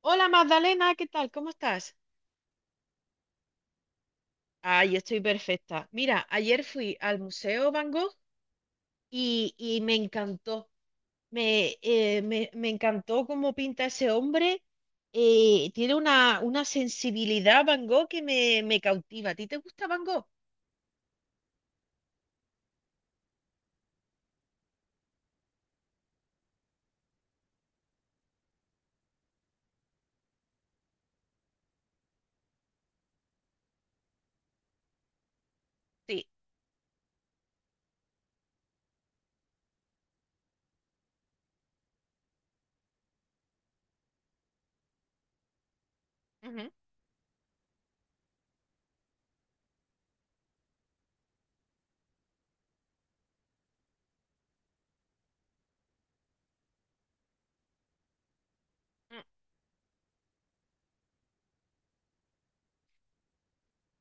Hola Magdalena, ¿qué tal? ¿Cómo estás? Ay, estoy perfecta. Mira, ayer fui al Museo Van Gogh y me encantó. Me encantó cómo pinta ese hombre. Tiene una sensibilidad Van Gogh que me cautiva. ¿A ti te gusta Van Gogh? Sí. Ujú.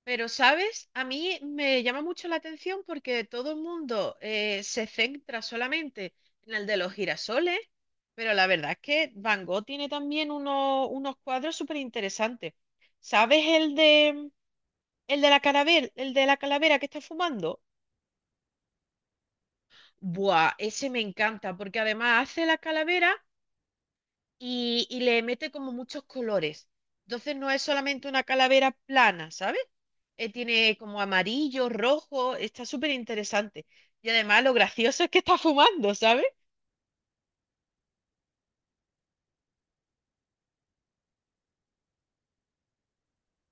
Pero, ¿sabes? A mí me llama mucho la atención porque todo el mundo se centra solamente en el de los girasoles, pero la verdad es que Van Gogh tiene también unos cuadros súper interesantes. ¿Sabes el de la calavera, el de la calavera que está fumando? Buah, ese me encanta porque además hace la calavera y le mete como muchos colores. Entonces no es solamente una calavera plana, ¿sabes? Tiene como amarillo, rojo, está súper interesante. Y además lo gracioso es que está fumando, ¿sabes?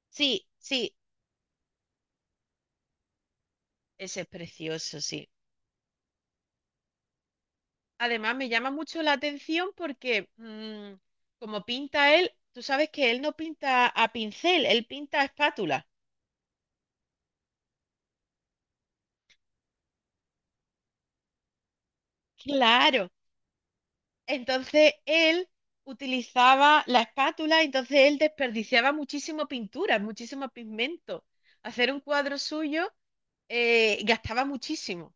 Sí, sí, ese es precioso, sí. Además me llama mucho la atención porque como pinta él, tú sabes que él no pinta a pincel, él pinta a espátula. Claro. Entonces él utilizaba la espátula, entonces él desperdiciaba muchísimo pintura, muchísimo pigmento. Hacer un cuadro suyo gastaba muchísimo.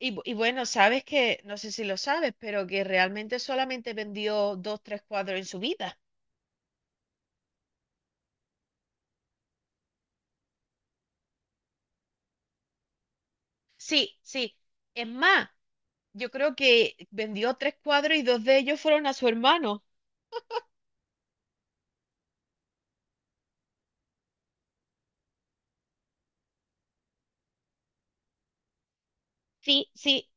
Y bueno, sabes que, no sé si lo sabes, pero que realmente solamente vendió dos, tres cuadros en su vida. Sí, sí. Es más, yo creo que vendió tres cuadros y dos de ellos fueron a su hermano. Sí, sí.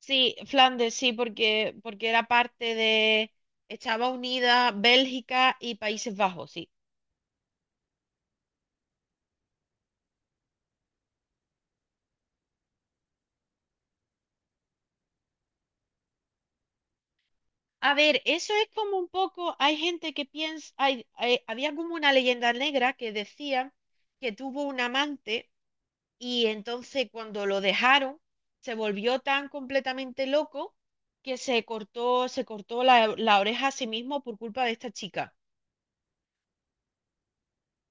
Sí, Flandes, sí, porque, porque era parte de… Estaba unida Bélgica y Países Bajos, sí. A ver, eso es como un poco, hay gente que piensa, había como una leyenda negra que decía que tuvo un amante y entonces cuando lo dejaron se volvió tan completamente loco que se cortó la oreja a sí mismo por culpa de esta chica.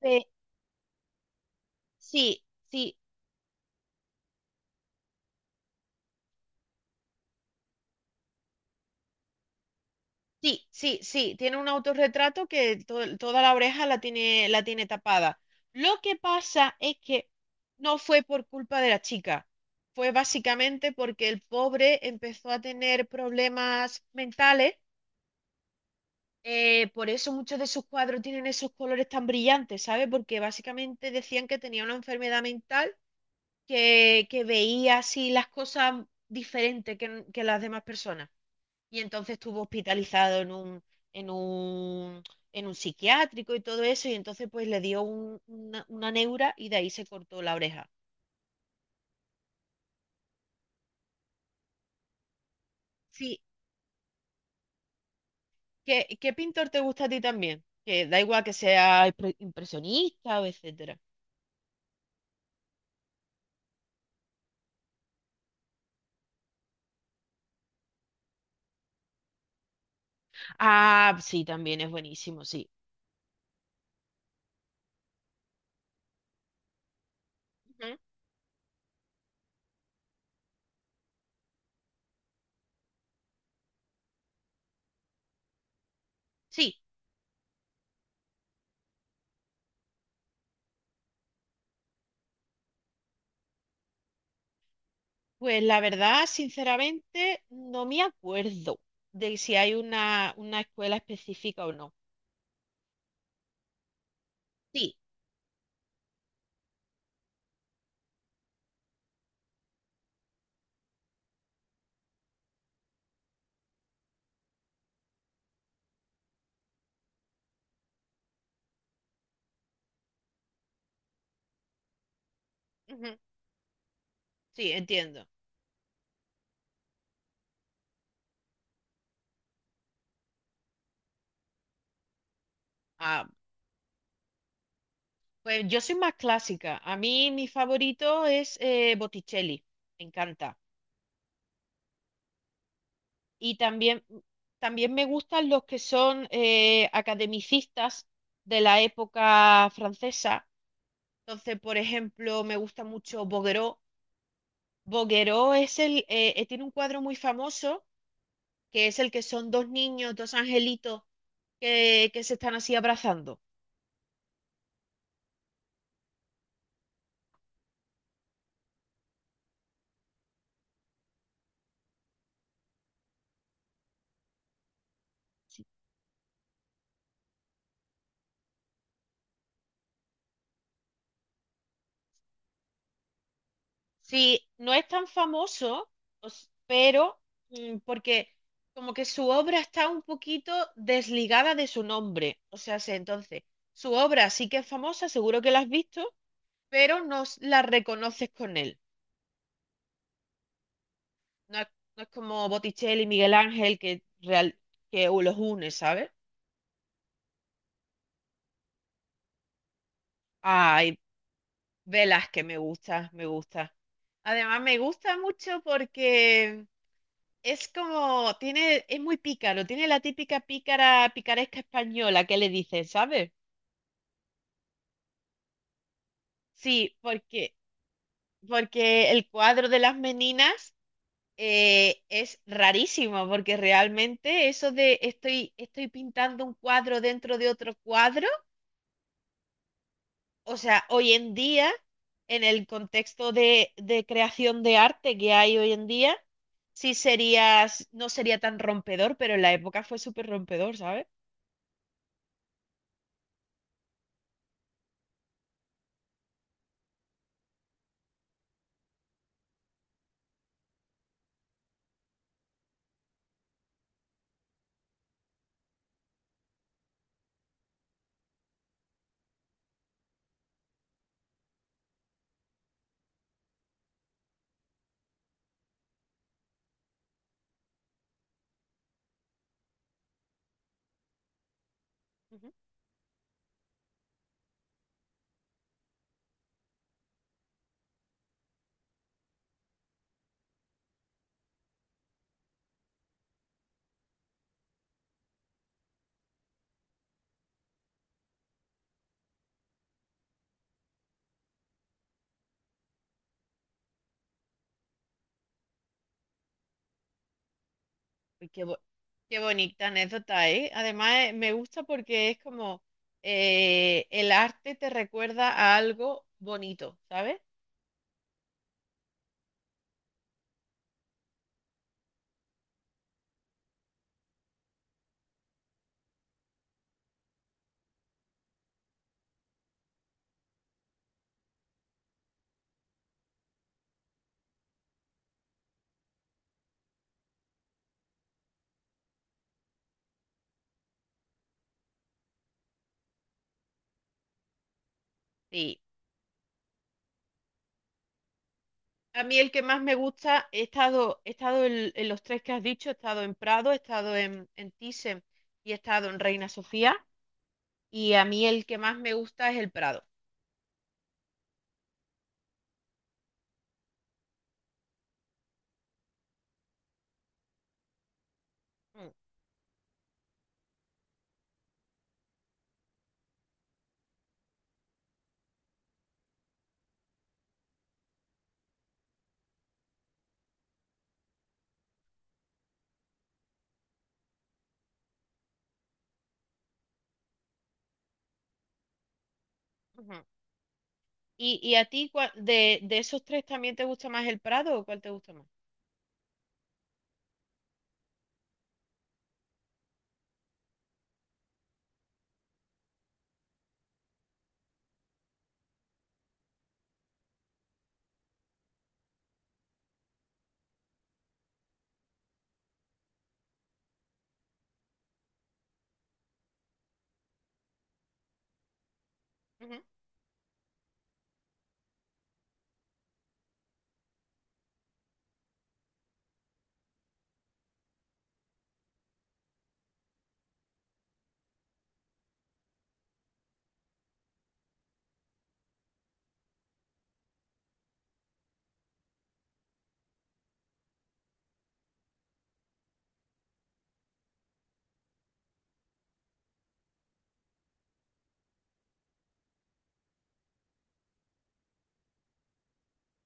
Pe- sí, sí. Sí, sí, sí, tiene un autorretrato que toda la oreja la tiene tapada. Lo que pasa es que no fue por culpa de la chica, fue básicamente porque el pobre empezó a tener problemas mentales, por eso muchos de sus cuadros tienen esos colores tan brillantes, ¿sabes? Porque básicamente decían que tenía una enfermedad mental que veía así las cosas diferentes que las demás personas y entonces estuvo hospitalizado en un, en un psiquiátrico y todo eso, y entonces pues le dio una neura y de ahí se cortó la oreja. Sí, ¿qué, qué pintor te gusta a ti también? Que da igual que sea impresionista o etcétera. Ah, sí, también es buenísimo, sí. Ujú. Sí, pues la verdad, sinceramente, no me acuerdo de si hay una escuela específica o no. Sí, ujú. Sí, entiendo. Ah, pues yo soy más clásica. A mí mi favorito es Botticelli, me encanta. Y también, también me gustan los que son academicistas de la época francesa. Entonces, por ejemplo, me gusta mucho Bouguereau. Bouguereau es tiene un cuadro muy famoso, que es el que son dos niños, dos angelitos que se están así abrazando. Sí, no es tan famoso, pero porque como que su obra está un poquito desligada de su nombre. O sea, entonces, su obra sí que es famosa, seguro que la has visto, pero no s- la reconoces con él. No es, no es como Botticelli, Miguel Ángel, que, real, que los une, ¿sabes? Ay, Velázquez, me gusta, me gusta. Además, me gusta mucho porque es como, tiene, es muy pícaro, tiene la típica pícara, picaresca española que le dicen, ¿sabes? Sí, porque, porque el cuadro de las meninas es rarísimo, porque realmente eso de estoy pintando un cuadro dentro de otro cuadro, o sea, hoy en día, en el contexto de creación de arte que hay hoy en día, sí sería, no sería tan rompedor, pero en la época fue súper rompedor, ¿sabes? Uy, qué bonita anécdota, ¿eh? Además, me gusta porque es como el arte te recuerda a algo bonito, ¿sabes? Sí. A mí el que más me gusta, he estado en los tres que has dicho, he estado en Prado, he estado en Thyssen y he estado en Reina Sofía. Y a mí el que más me gusta es el Prado. Mm, ujú. Y a ti de esos tres también te gusta más el Prado o cuál te gusta más? Ujú,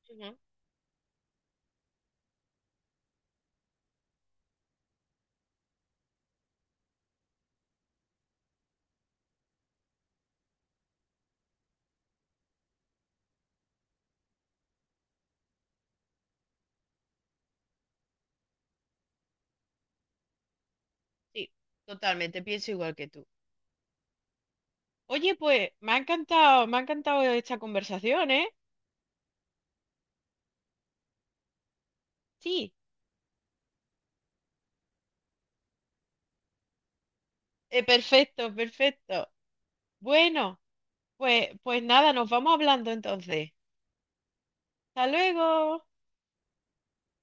ujú. Sí, totalmente, pienso igual que tú. Oye, pues me ha encantado esta conversación, ¿eh? Sí, perfecto, perfecto. Bueno, pues nada, nos vamos hablando entonces. Hasta luego.